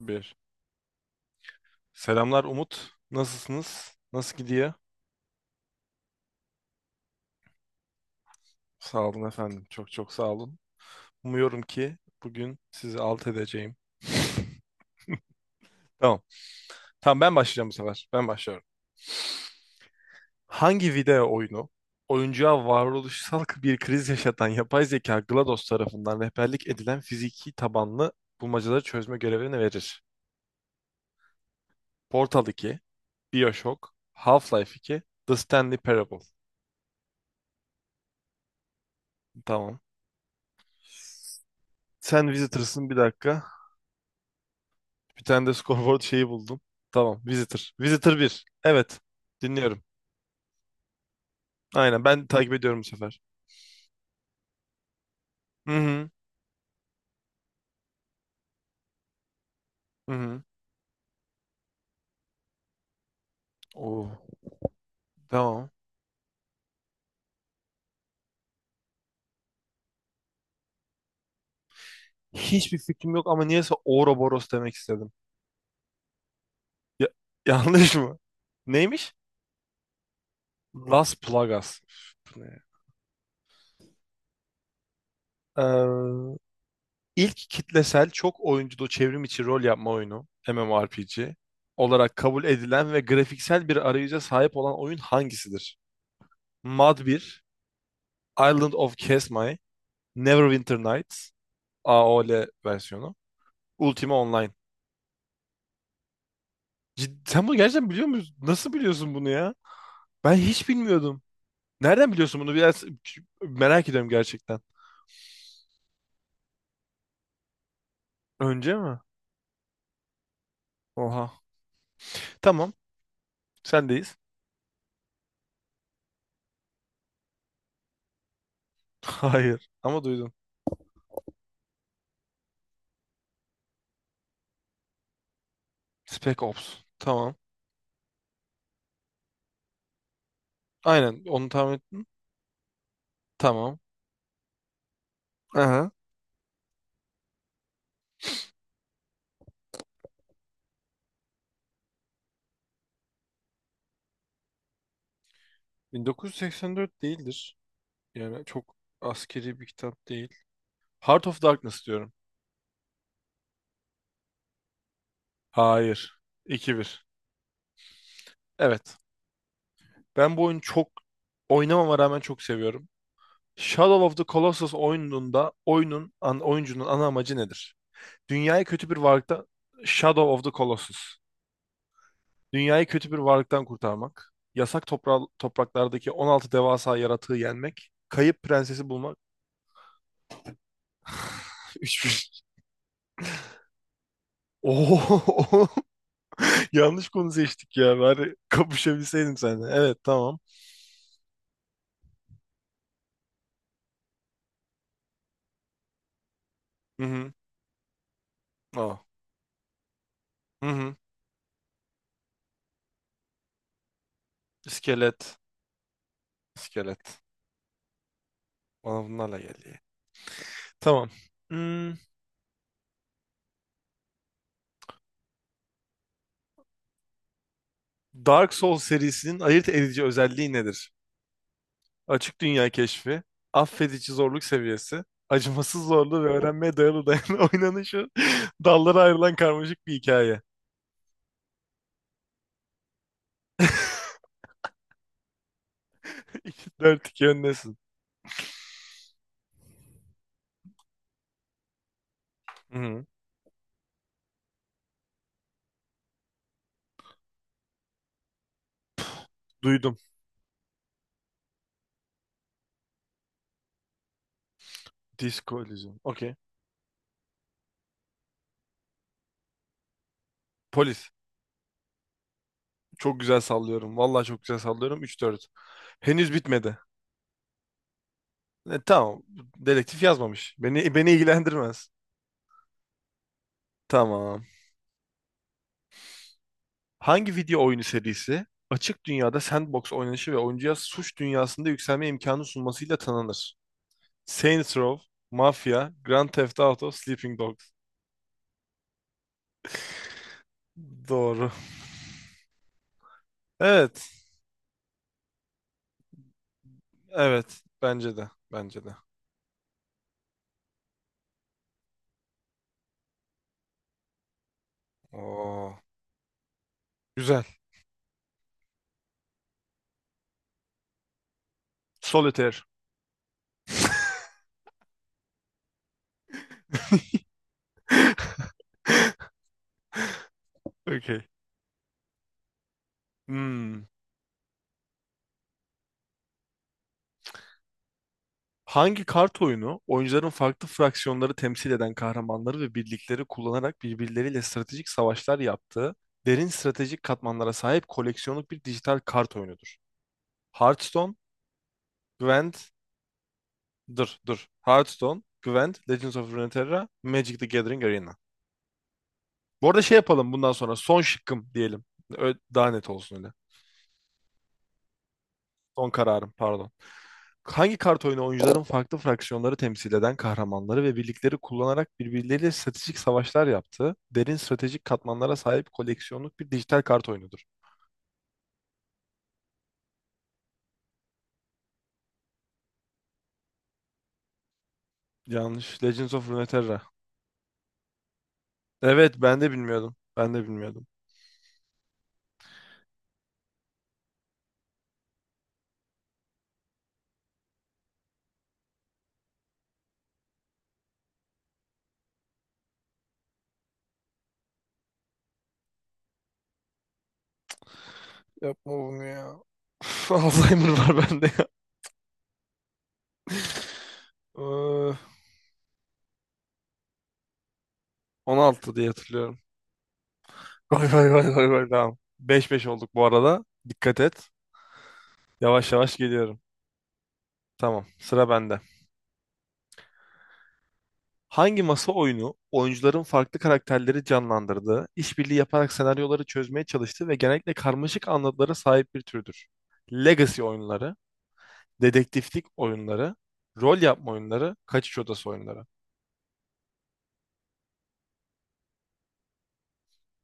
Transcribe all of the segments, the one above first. Bir. Selamlar Umut. Nasılsınız? Nasıl gidiyor? Sağ olun efendim. Çok çok sağ olun. Umuyorum ki bugün sizi alt edeceğim. Tamam. Tamam, ben başlayacağım bu sefer. Ben başlıyorum. Hangi video oyunu oyuncuya varoluşsal bir kriz yaşatan yapay zeka GLaDOS tarafından rehberlik edilen fiziki tabanlı bulmacaları çözme görevini verir? Portal iki, BioShock, Half-Life iki, The Stanley Parable. Tamam. Sen Visitors'ın, bir dakika. Bir tane de scoreboard şeyi buldum. Tamam. Visitor. Visitor bir. Evet. Dinliyorum. Aynen. Ben takip ediyorum bu sefer. Hı hı. Hı hı. Oo. Tamam. Hiçbir fikrim yok ama niyeyse Ouroboros demek istedim. Ya- yanlış mı? Neymiş? Las Plagas. Üf, bu ne ya? Ee, ilk kitlesel çok oyunculu çevrim içi rol yapma oyunu MMORPG olarak kabul edilen ve grafiksel bir arayüze sahip olan oyun hangisidir? Mud bir, Island of Kesmai, Neverwinter Nights AOL versiyonu, Ultima Online. Sen bunu gerçekten biliyor musun? Nasıl biliyorsun bunu ya? Ben hiç bilmiyordum. Nereden biliyorsun bunu? Biraz merak ediyorum gerçekten. Önce mi? Oha. Tamam. Sendeyiz. Hayır. Ama duydum. Spec Ops. Tamam. Aynen. Onu tahmin ettim. Tamam. Aha. 1984 değildir. Yani çok askeri bir kitap değil. Heart of Darkness diyorum. Hayır. 2 bir. Evet. Ben bu oyunu çok oynamama rağmen çok seviyorum. Shadow of the Colossus oyununda oyuncunun ana amacı nedir? Dünyayı kötü bir varlıkta... Shadow of the Colossus. Dünyayı kötü bir varlıktan kurtarmak, yasak topraklardaki 16 devasa yaratığı yenmek, kayıp prensesi bulmak. 3. Oo, yanlış konu seçtik ya. Bari kapışabilseydim seninle. Evet, tamam. Hı hı. Aa. Hı hı. İskelet. İskelet. Bana bunlarla geldi. Tamam. Hmm, Dark Souls serisinin ayırt edici özelliği nedir? Açık dünya keşfi, affedici zorluk seviyesi, acımasız zorluğu ve öğrenmeye dayalı oynanışı, dallara ayrılan karmaşık bir hikaye. 4-2 öndesin. Hı-hı. Duydum. Disco Elysium. Okey. Polis. Çok güzel sallıyorum. Vallahi çok güzel sallıyorum. 3-4. Henüz bitmedi. Tamam. Dedektif yazmamış. Beni ilgilendirmez. Tamam. Hangi video oyunu serisi açık dünyada sandbox oynanışı ve oyuncuya suç dünyasında yükselme imkanı sunmasıyla tanınır? Saints Row, Mafia, Grand Theft Auto, Sleeping Dogs. Doğru. Evet, evet. Bence de, bence de. Oo, güzel. Solitaire. Okay. Hmm. Hangi kart oyunu oyuncuların farklı fraksiyonları temsil eden kahramanları ve birlikleri kullanarak birbirleriyle stratejik savaşlar yaptığı, derin stratejik katmanlara sahip koleksiyonluk bir dijital kart oyunudur? Hearthstone, Gwent, dur dur. Hearthstone, Gwent, Legends of Runeterra, Magic the Gathering Arena. Bu arada şey yapalım, bundan sonra son şıkkım diyelim. Daha net olsun öyle. Son kararım, pardon. Hangi kart oyunu oyuncuların farklı fraksiyonları temsil eden kahramanları ve birlikleri kullanarak birbirleriyle stratejik savaşlar yaptığı, derin stratejik katmanlara sahip koleksiyonluk bir dijital kart oyunudur? Yanlış. Legends of Runeterra. Evet, ben de bilmiyordum. Ben de bilmiyordum. Yapma bunu ya. Üf, Alzheimer var bende ya. Ee, 16 diye hatırlıyorum. Gol gol gol gol gol, tamam. 5-5 olduk bu arada. Dikkat et. Yavaş yavaş geliyorum. Tamam, sıra bende. Hangi masa oyunu oyuncuların farklı karakterleri canlandırdığı, işbirliği yaparak senaryoları çözmeye çalıştığı ve genellikle karmaşık anlatılara sahip bir türdür? Legacy oyunları, dedektiflik oyunları, rol yapma oyunları, kaçış odası oyunları.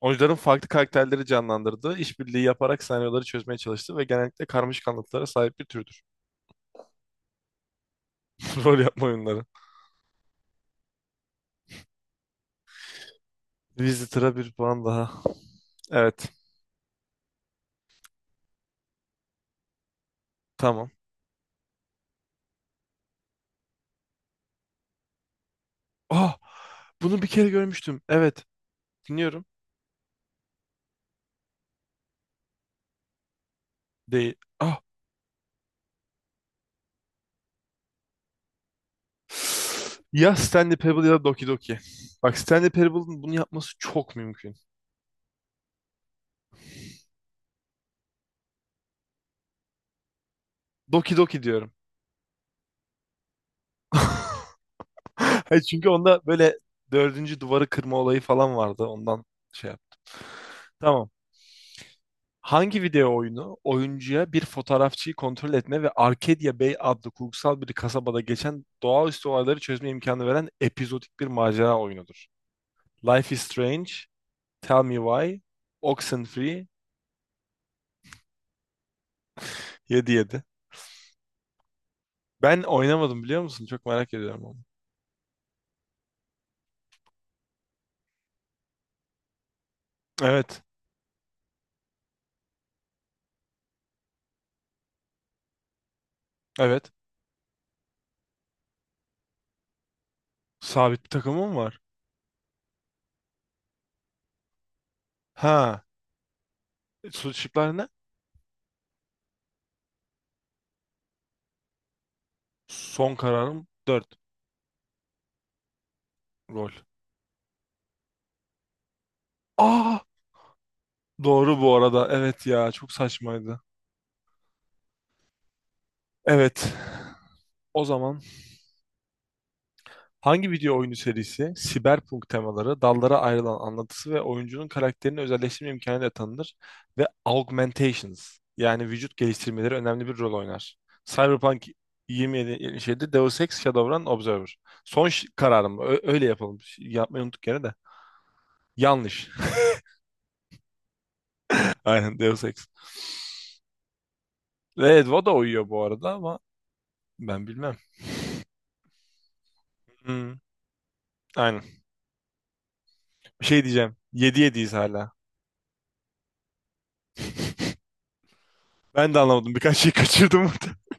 Oyuncuların farklı karakterleri canlandırdığı, işbirliği yaparak senaryoları çözmeye çalıştığı ve genellikle karmaşık anlatılara sahip bir türdür. Rol yapma oyunları. Visitor'a bir puan daha. Evet. Tamam. Ah! Bunu bir kere görmüştüm. Evet. Dinliyorum. Değil. Ah! Ya Stanley Parable ya da Doki Doki. Bak, Stanley Parable'ın bunu yapması çok mümkün. Doki Doki diyorum. Çünkü onda böyle dördüncü duvarı kırma olayı falan vardı. Ondan şey yap. Tamam. Hangi video oyunu oyuncuya bir fotoğrafçıyı kontrol etme ve Arcadia Bay adlı kurgusal bir kasabada geçen doğaüstü olayları çözme imkanı veren epizodik bir macera oyunudur? Life is Strange, Tell Me Why, Oxenfree, 7-7. Ben oynamadım, biliyor musun? Çok merak ediyorum onu. Evet, evet. Sabit bir takımım var. Ha, şıklar ne? Son kararım dört. Rol. Aa, doğru bu arada. Evet ya, çok saçmaydı. Evet. O zaman hangi video oyunu serisi siberpunk temaları, dallara ayrılan anlatısı ve oyuncunun karakterini özelleştirme imkanı da tanınır ve augmentations, yani vücut geliştirmeleri önemli bir rol oynar. Cyberpunk 2077, Deus Ex, Shadowrun, Observer. Son kararım. Öyle yapalım. Yapmayı unuttuk gene de. Yanlış. Aynen Deus Ex. Ve Edvo da uyuyor bu arada ama ben bilmem. Hmm, aynen. Bir şey diyeceğim. 7-7'yiz hala. Ben de anlamadım. Birkaç şey kaçırdım.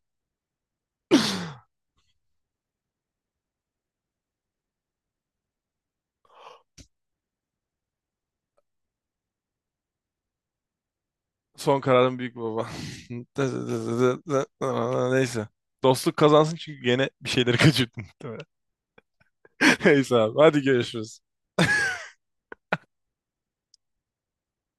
Son kararım büyük baba. Neyse. Dostluk kazansın çünkü gene bir şeyleri kaçırdım, muhtemelen. Neyse abi. Hadi görüşürüz.